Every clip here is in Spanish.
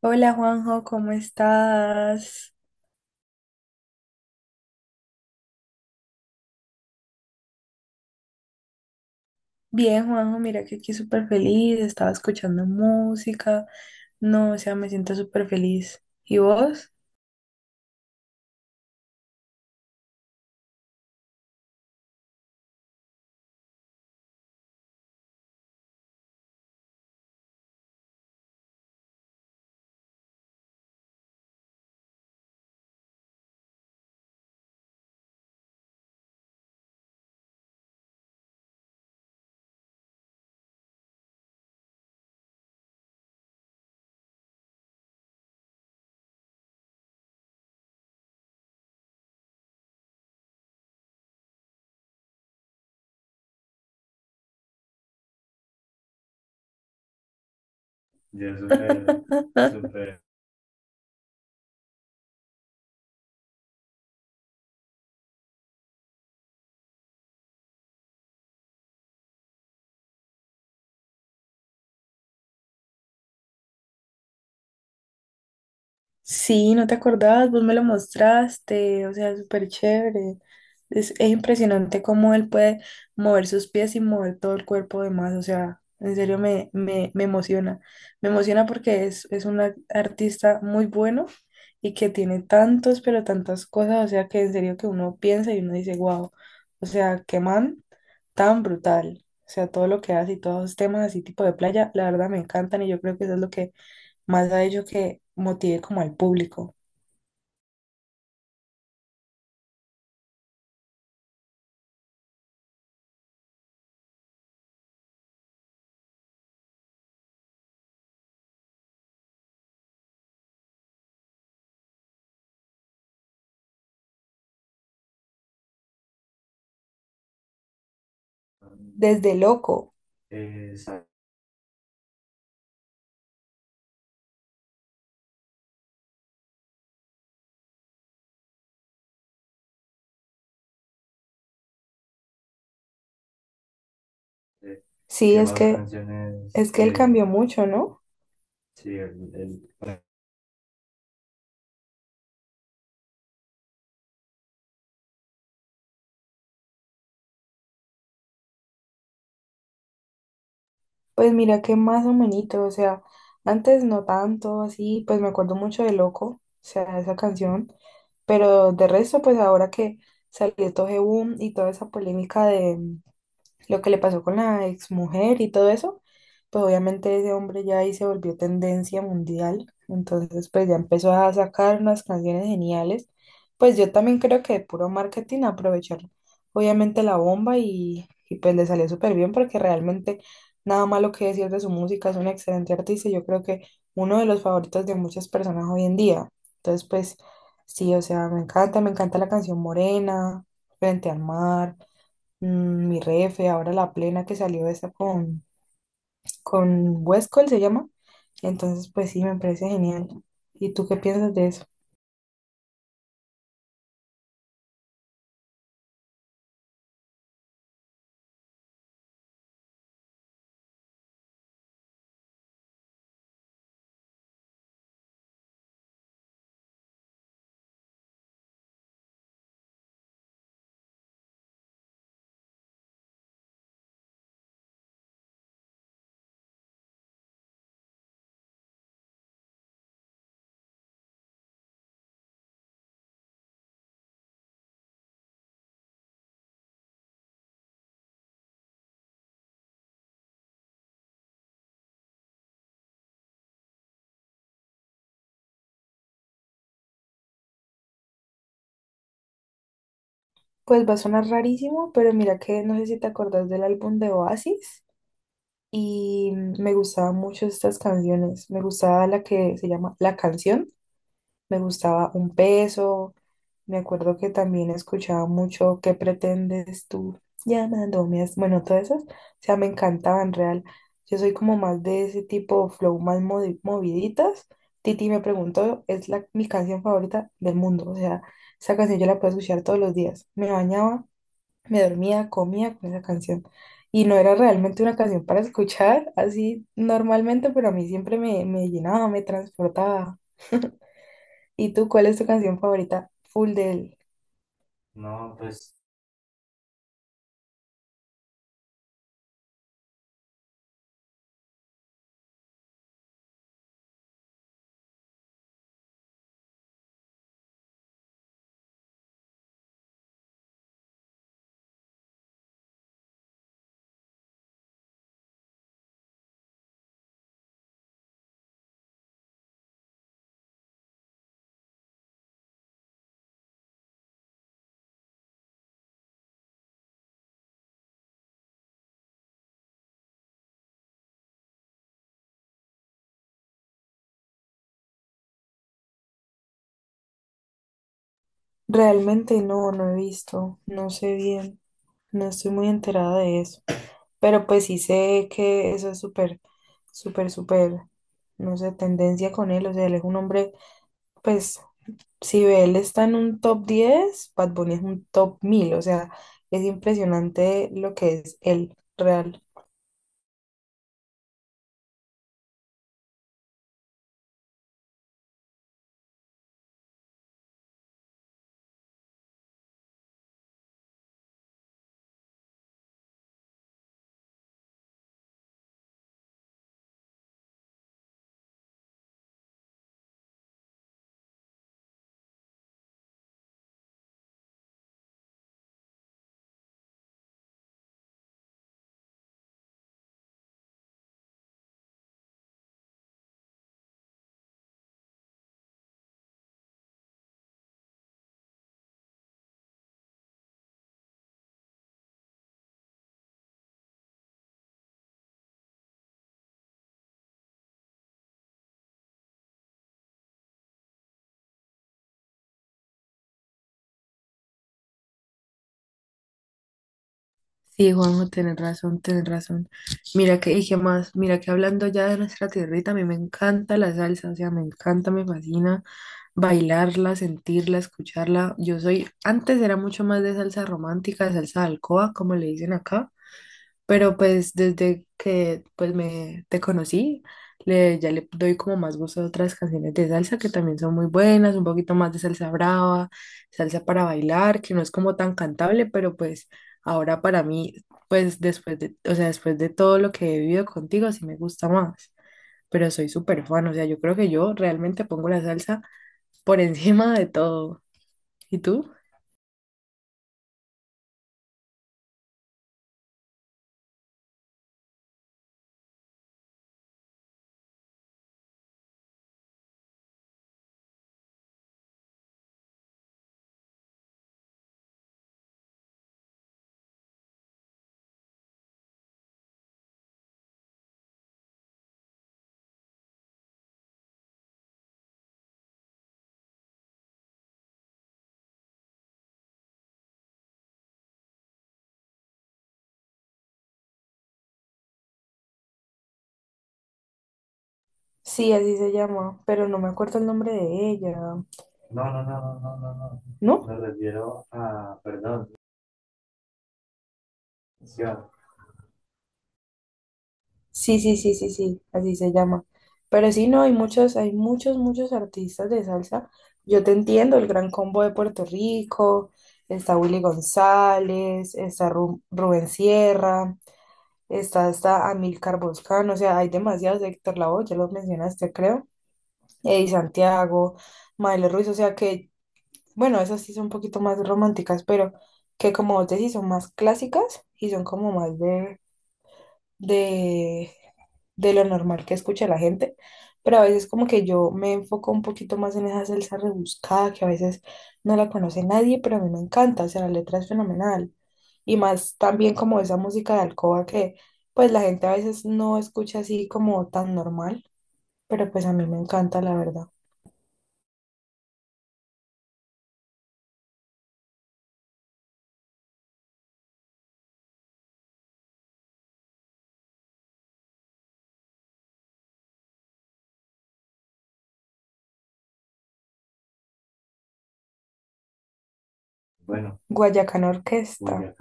Hola Juanjo, ¿cómo estás? Bien, Juanjo, mira que aquí súper feliz, estaba escuchando música. No, o sea, me siento súper feliz. ¿Y vos? Sí, no te acordabas, vos me lo mostraste, o sea, es súper chévere. Es impresionante cómo él puede mover sus pies y mover todo el cuerpo además, o sea, en serio me emociona. Me emociona porque es un artista muy bueno y que tiene tantos, pero tantas cosas, o sea, que en serio que uno piensa y uno dice, wow, o sea, qué man tan brutal. O sea, todo lo que hace y todos los temas así tipo de playa, la verdad me encantan y yo creo que eso es lo que más a ello que motive como al público. Desde Loco, sí, es que él cambió mucho, ¿no? Pues mira que más o menos, o sea, antes no tanto, así, pues me acuerdo mucho de Loco, o sea, esa canción, pero de resto, pues ahora que salió todo ese boom y toda esa polémica de lo que le pasó con la exmujer y todo eso, pues obviamente ese hombre ya ahí se volvió tendencia mundial, entonces pues ya empezó a sacar unas canciones geniales, pues yo también creo que de puro marketing aprovechar obviamente la bomba y pues le salió súper bien porque realmente nada malo que decir de su música, es un excelente artista y yo creo que uno de los favoritos de muchas personas hoy en día, entonces pues sí, o sea, me encanta la canción Morena, Frente al Mar, mi refe, ahora la plena que salió esta con Westcol se llama. Entonces, pues sí, me parece genial. ¿Y tú qué piensas de eso? Pues va a sonar rarísimo, pero mira que no sé si te acordás del álbum de Oasis y me gustaban mucho estas canciones. Me gustaba la que se llama La Canción. Me gustaba Un Peso. Me acuerdo que también escuchaba mucho ¿Qué pretendes tú? Llamándome. As-". Bueno, todas esas, o sea, me encantaban real. Yo soy como más de ese tipo flow, más moviditas. Titi me preguntó, es mi canción favorita del mundo. O sea, esa canción yo la puedo escuchar todos los días. Me bañaba, me dormía, comía con esa canción. Y no era realmente una canción para escuchar así normalmente, pero a mí siempre me llenaba, me transportaba. ¿Y tú cuál es tu canción favorita? Full de él. Realmente no, no he visto, no sé bien, no estoy muy enterada de eso. Pero pues sí sé que eso es súper, súper, súper, no sé, tendencia con él. O sea, él es un hombre, pues si ve él está en un top 10, Bad Bunny es un top 1000. O sea, es impresionante lo que es él, real. Sí, Juanjo, tenés razón, tenés razón. Mira que, y qué más, mira que hablando ya de nuestra tierrita, a mí me encanta la salsa, o sea, me encanta, me fascina bailarla, sentirla, escucharla. Yo soy, antes era mucho más de salsa romántica, de salsa de alcoba, como le dicen acá. Pero pues desde que pues me te conocí, le, ya le doy como más gusto a otras canciones de salsa que también son muy buenas, un poquito más de salsa brava, salsa para bailar, que no es como tan cantable, pero pues ahora para mí, pues después de, o sea, después de todo lo que he vivido contigo, sí me gusta más. Pero soy súper fan, o sea, yo creo que yo realmente pongo la salsa por encima de todo. ¿Y tú? Sí, así se llama, pero no me acuerdo el nombre de ella. ¿No? Sí, sí, sí, sí, sí, así se llama. Pero sí, no, hay muchos, muchos artistas de salsa. Yo te entiendo, el Gran Combo de Puerto Rico, está Willy González, está Rubén Sierra, está hasta Amilcar Boscan, o sea, hay demasiados, Héctor Lavoe, ya los mencionaste, creo, Eddie Santiago, Maile Ruiz, o sea que, bueno, esas sí son un poquito más románticas, pero que como vos decís, son más clásicas y son como más de, de lo normal que escucha la gente, pero a veces como que yo me enfoco un poquito más en esa salsa rebuscada que a veces no la conoce nadie, pero a mí me encanta, o sea, la letra es fenomenal. Y más también como esa música de alcoba que pues la gente a veces no escucha así como tan normal, pero pues a mí me encanta, la verdad. Guayacán Orquesta.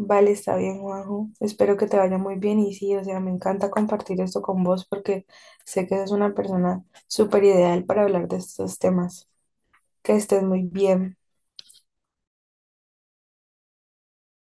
Vale, está bien, Juanjo. Espero que te vaya muy bien y sí, o sea, me encanta compartir esto con vos porque sé que eres una persona súper ideal para hablar de estos temas. Que estés muy bien.